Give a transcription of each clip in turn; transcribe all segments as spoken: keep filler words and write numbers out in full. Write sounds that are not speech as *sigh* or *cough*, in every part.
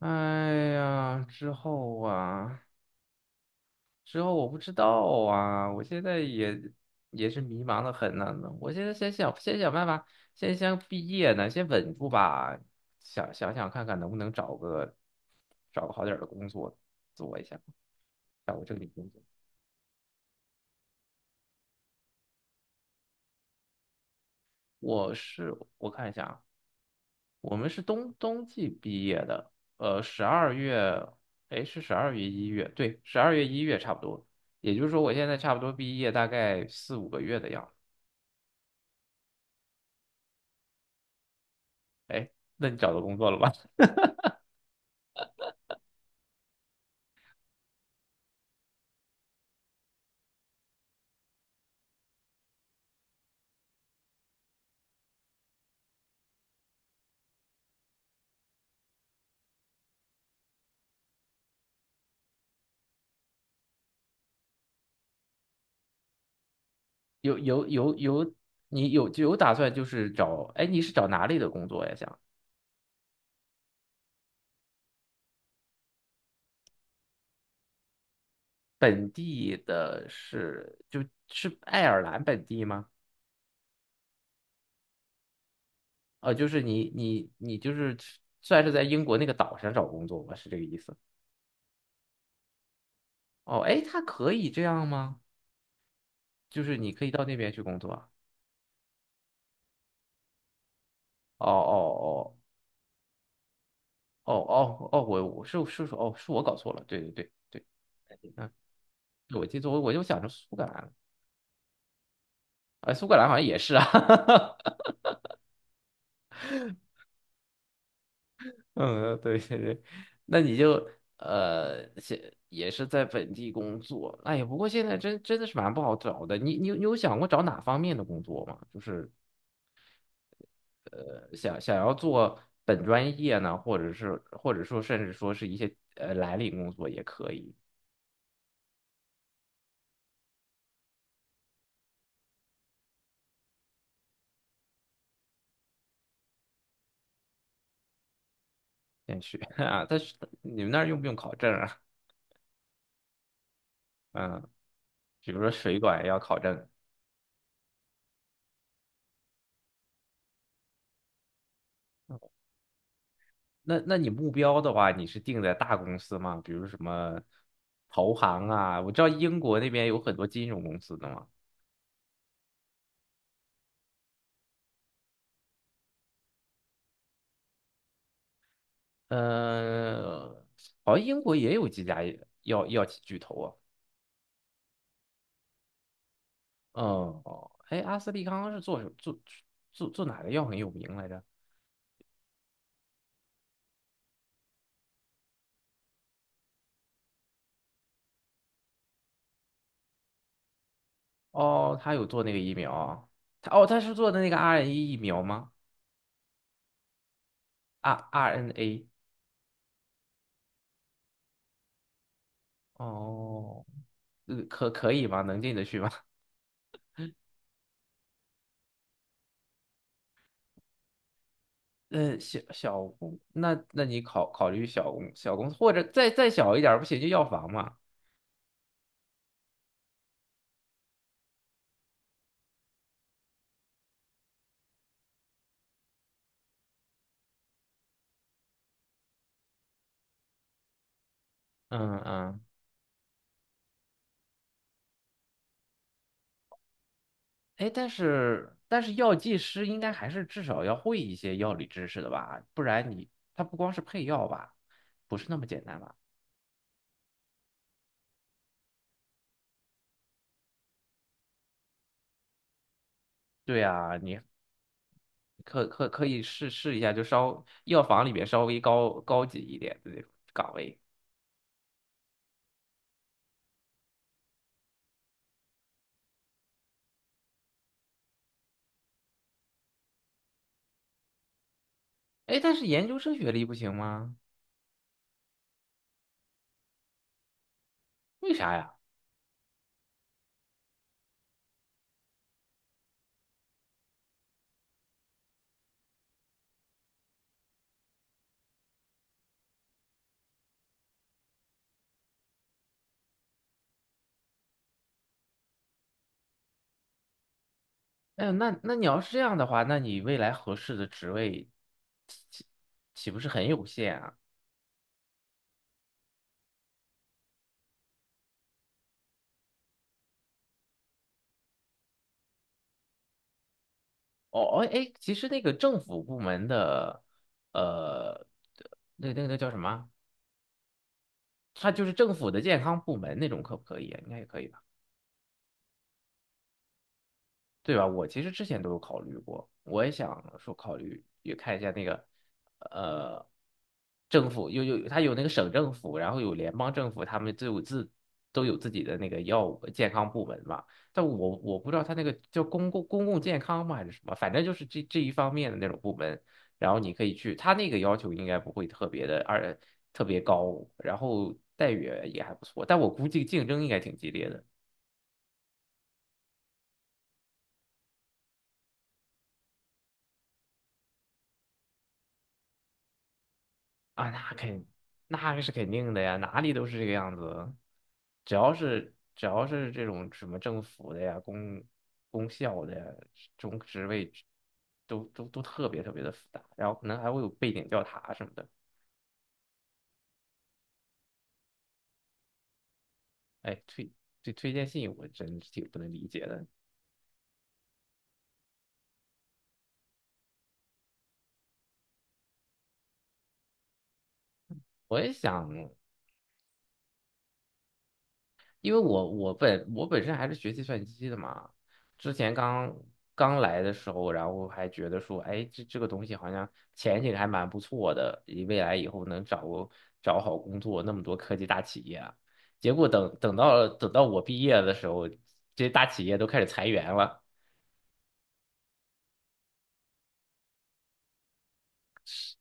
哎呀，之后啊，之后我不知道啊，我现在也也是迷茫的很呢。我现在先想，先想办法，先先毕业呢，先稳住吧。想想想看看能不能找个找个好点儿的工作做一下，找个正经工作。我是我看一下啊。我们是冬冬季毕业的，呃，十二月，哎，是十二月一月，对，十二月一月差不多。也就是说，我现在差不多毕业大概四五个月的样子。哎，那你找到工作了吗？*laughs* 有有有有，你有就有打算就是找，哎，你是找哪里的工作呀？想本地的是就是爱尔兰本地吗？呃，就是你你你就是算是在英国那个岛上找工作吧，是这个意思？哦，哎，他可以这样吗？就是你可以到那边去工作啊。哦哦哦哦哦哦，我我是是说哦，是我搞错了，对对对对，嗯，我记错，我我就想着苏格兰了，啊，苏格兰好像也是啊，*laughs* 嗯，对对对，那你就呃，现也是在本地工作，哎呀，不过现在真真的是蛮不好找的，你你有你有想过找哪方面的工作吗？就是呃，想想要做本专业呢，或者是或者说甚至说是一些呃蓝领工作也可以。先去 *laughs* 啊。但是你们那儿用不用考证啊？嗯，比如说水管要考证，那那你目标的话，你是定在大公司吗？比如什么投行啊？我知道英国那边有很多金融公司的嘛。呃，好像英国也有几家药药企巨头啊。嗯，哦，哎，阿斯利康是做什做做做哪个药很有名来着？哦，他有做那个疫苗啊，他哦他是做的那个 R N A 疫苗吗？啊？R R N A。 哦。呃，可可以吗？能进得去吗？*laughs* 呃，小小公，那那你考考虑小公小公司，或者再再小一点儿，不行就药房嘛。嗯嗯，哎，但是但是药剂师应该还是至少要会一些药理知识的吧？不然你他不光是配药吧，不是那么简单吧？对呀，你可可可以试试一下，就稍药房里面稍微高高级一点的那种岗位。哎，但是研究生学历不行吗？为啥呀？哎呦那那你要是这样的话，那你未来合适的职位岂岂岂不是很有限啊？哦哦，哎，其实那个政府部门的，呃，那那个那叫什么？它就是政府的健康部门那种，可不可以啊？应该也可以吧。对吧？我其实之前都有考虑过，我也想说考虑也看一下那个，呃，政府有有它有那个省政府，然后有联邦政府，他们都有自都有自己的那个药物健康部门嘛。但我我不知道他那个叫公共公共健康吗还是什么，反正就是这这一方面的那种部门。然后你可以去，他那个要求应该不会特别的二特别高，然后待遇也还不错，但我估计竞争应该挺激烈的。啊，那肯那是肯定的呀，哪里都是这个样子。只要是只要是这种什么政府的呀、公公校的呀，这种职位都都都特别特别的复杂，然后可能还会有背景调查什么的。哎，推对推荐信我真是挺不能理解的。我也想，因为我我本我本身还是学计算机的嘛，之前刚刚来的时候，然后还觉得说，哎，这这个东西好像前景还蛮不错的，以未来以后能找个找好工作，那么多科技大企业啊，结果等等到等到我毕业的时候，这些大企业都开始裁员了，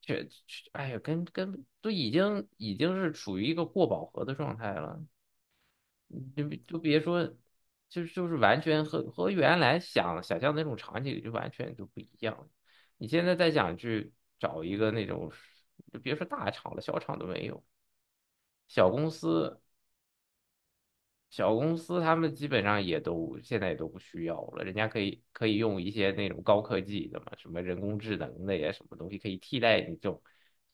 却确哎呀，跟跟都已经已经是处于一个过饱和的状态了。你就就别说，就就是完全和和原来想想象的那种场景就完全就不一样。你现在再想去找一个那种，就别说大厂了，小厂都没有，小公司小公司他们基本上也都现在也都不需要了，人家可以可以用一些那种高科技的嘛，什么人工智能的呀，什么东西可以替代你这种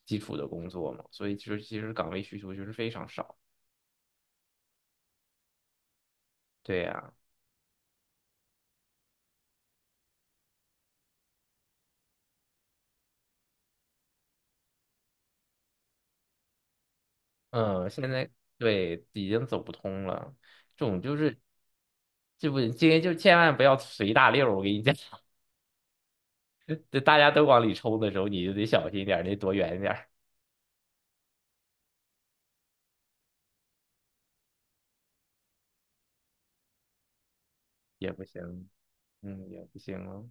基础的工作嘛，所以其实其实岗位需求就是非常少。对呀、嗯，现在对已经走不通了，这种就是这不今天就千万不要随大溜儿，我跟你讲，*laughs* 这大家都往里冲的时候，你就得小心点儿，你躲远点儿也不行，嗯，也不行了。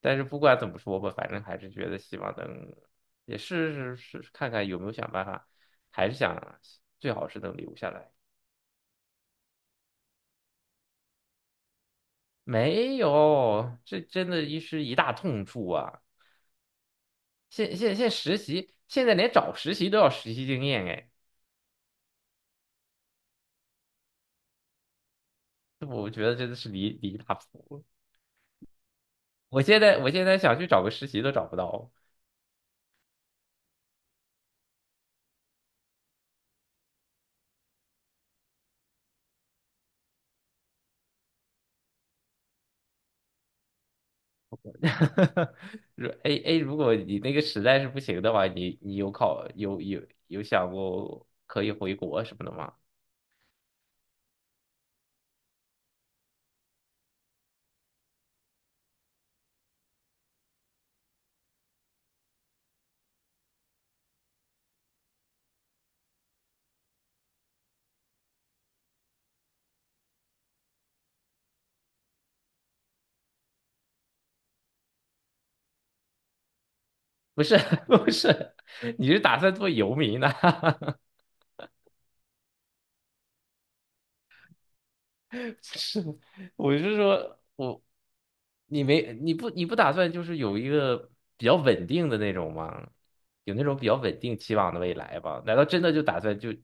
但是不管怎么说吧，反正还是觉得希望能也试试试看看有没有想办法，还是想最好是能留下来。没有，这真的一是一大痛处啊！现现现实习，现在连找实习都要实习经验哎。我觉得真的是离离大谱了。我现在我现在想去找个实习都找不到。*laughs* 哈如 A A，如果你那个实在是不行的话，你你有考有有有想过可以回国什么的吗？不是 *laughs* 不是，你是打算做游民呢、*laughs* 是，我是说我你没你不你不打算就是有一个比较稳定的那种吗？有那种比较稳定期望的未来吧？难道真的就打算就？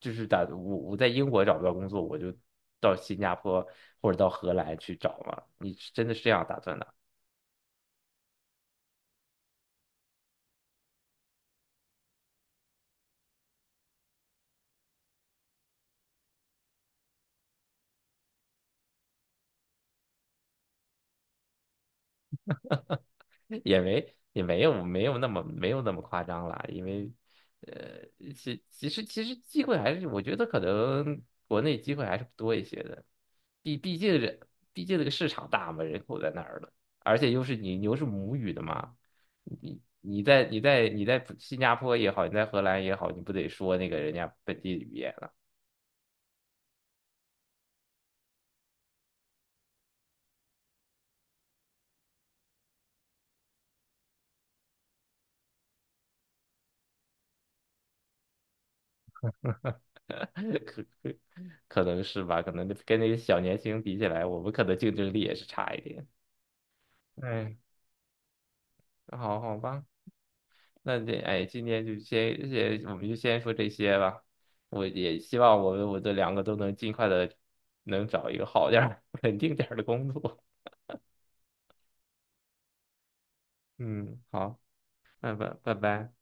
就是打我我在英国找不到工作，我就到新加坡或者到荷兰去找嘛。你是真的是这样打算的？也没也没有没有那么没有那么夸张啦，因为呃，其其实其实机会还是我觉得可能国内机会还是多一些的，毕毕竟人毕竟这个市场大嘛，人口在那儿了，而且又是你你又是母语的嘛，你。你在你在你在新加坡也好，你在荷兰也好，你不得说那个人家本地语言？*laughs* 可可可能是吧，可能跟那些小年轻比起来，我们可能竞争力也是差一点。哎，好好吧，那这哎，今天就先先，我们就先说这些吧。我也希望我们我这两个都能尽快的能找一个好点儿、*laughs* 稳定点儿的工作。嗯，好，拜拜，拜拜。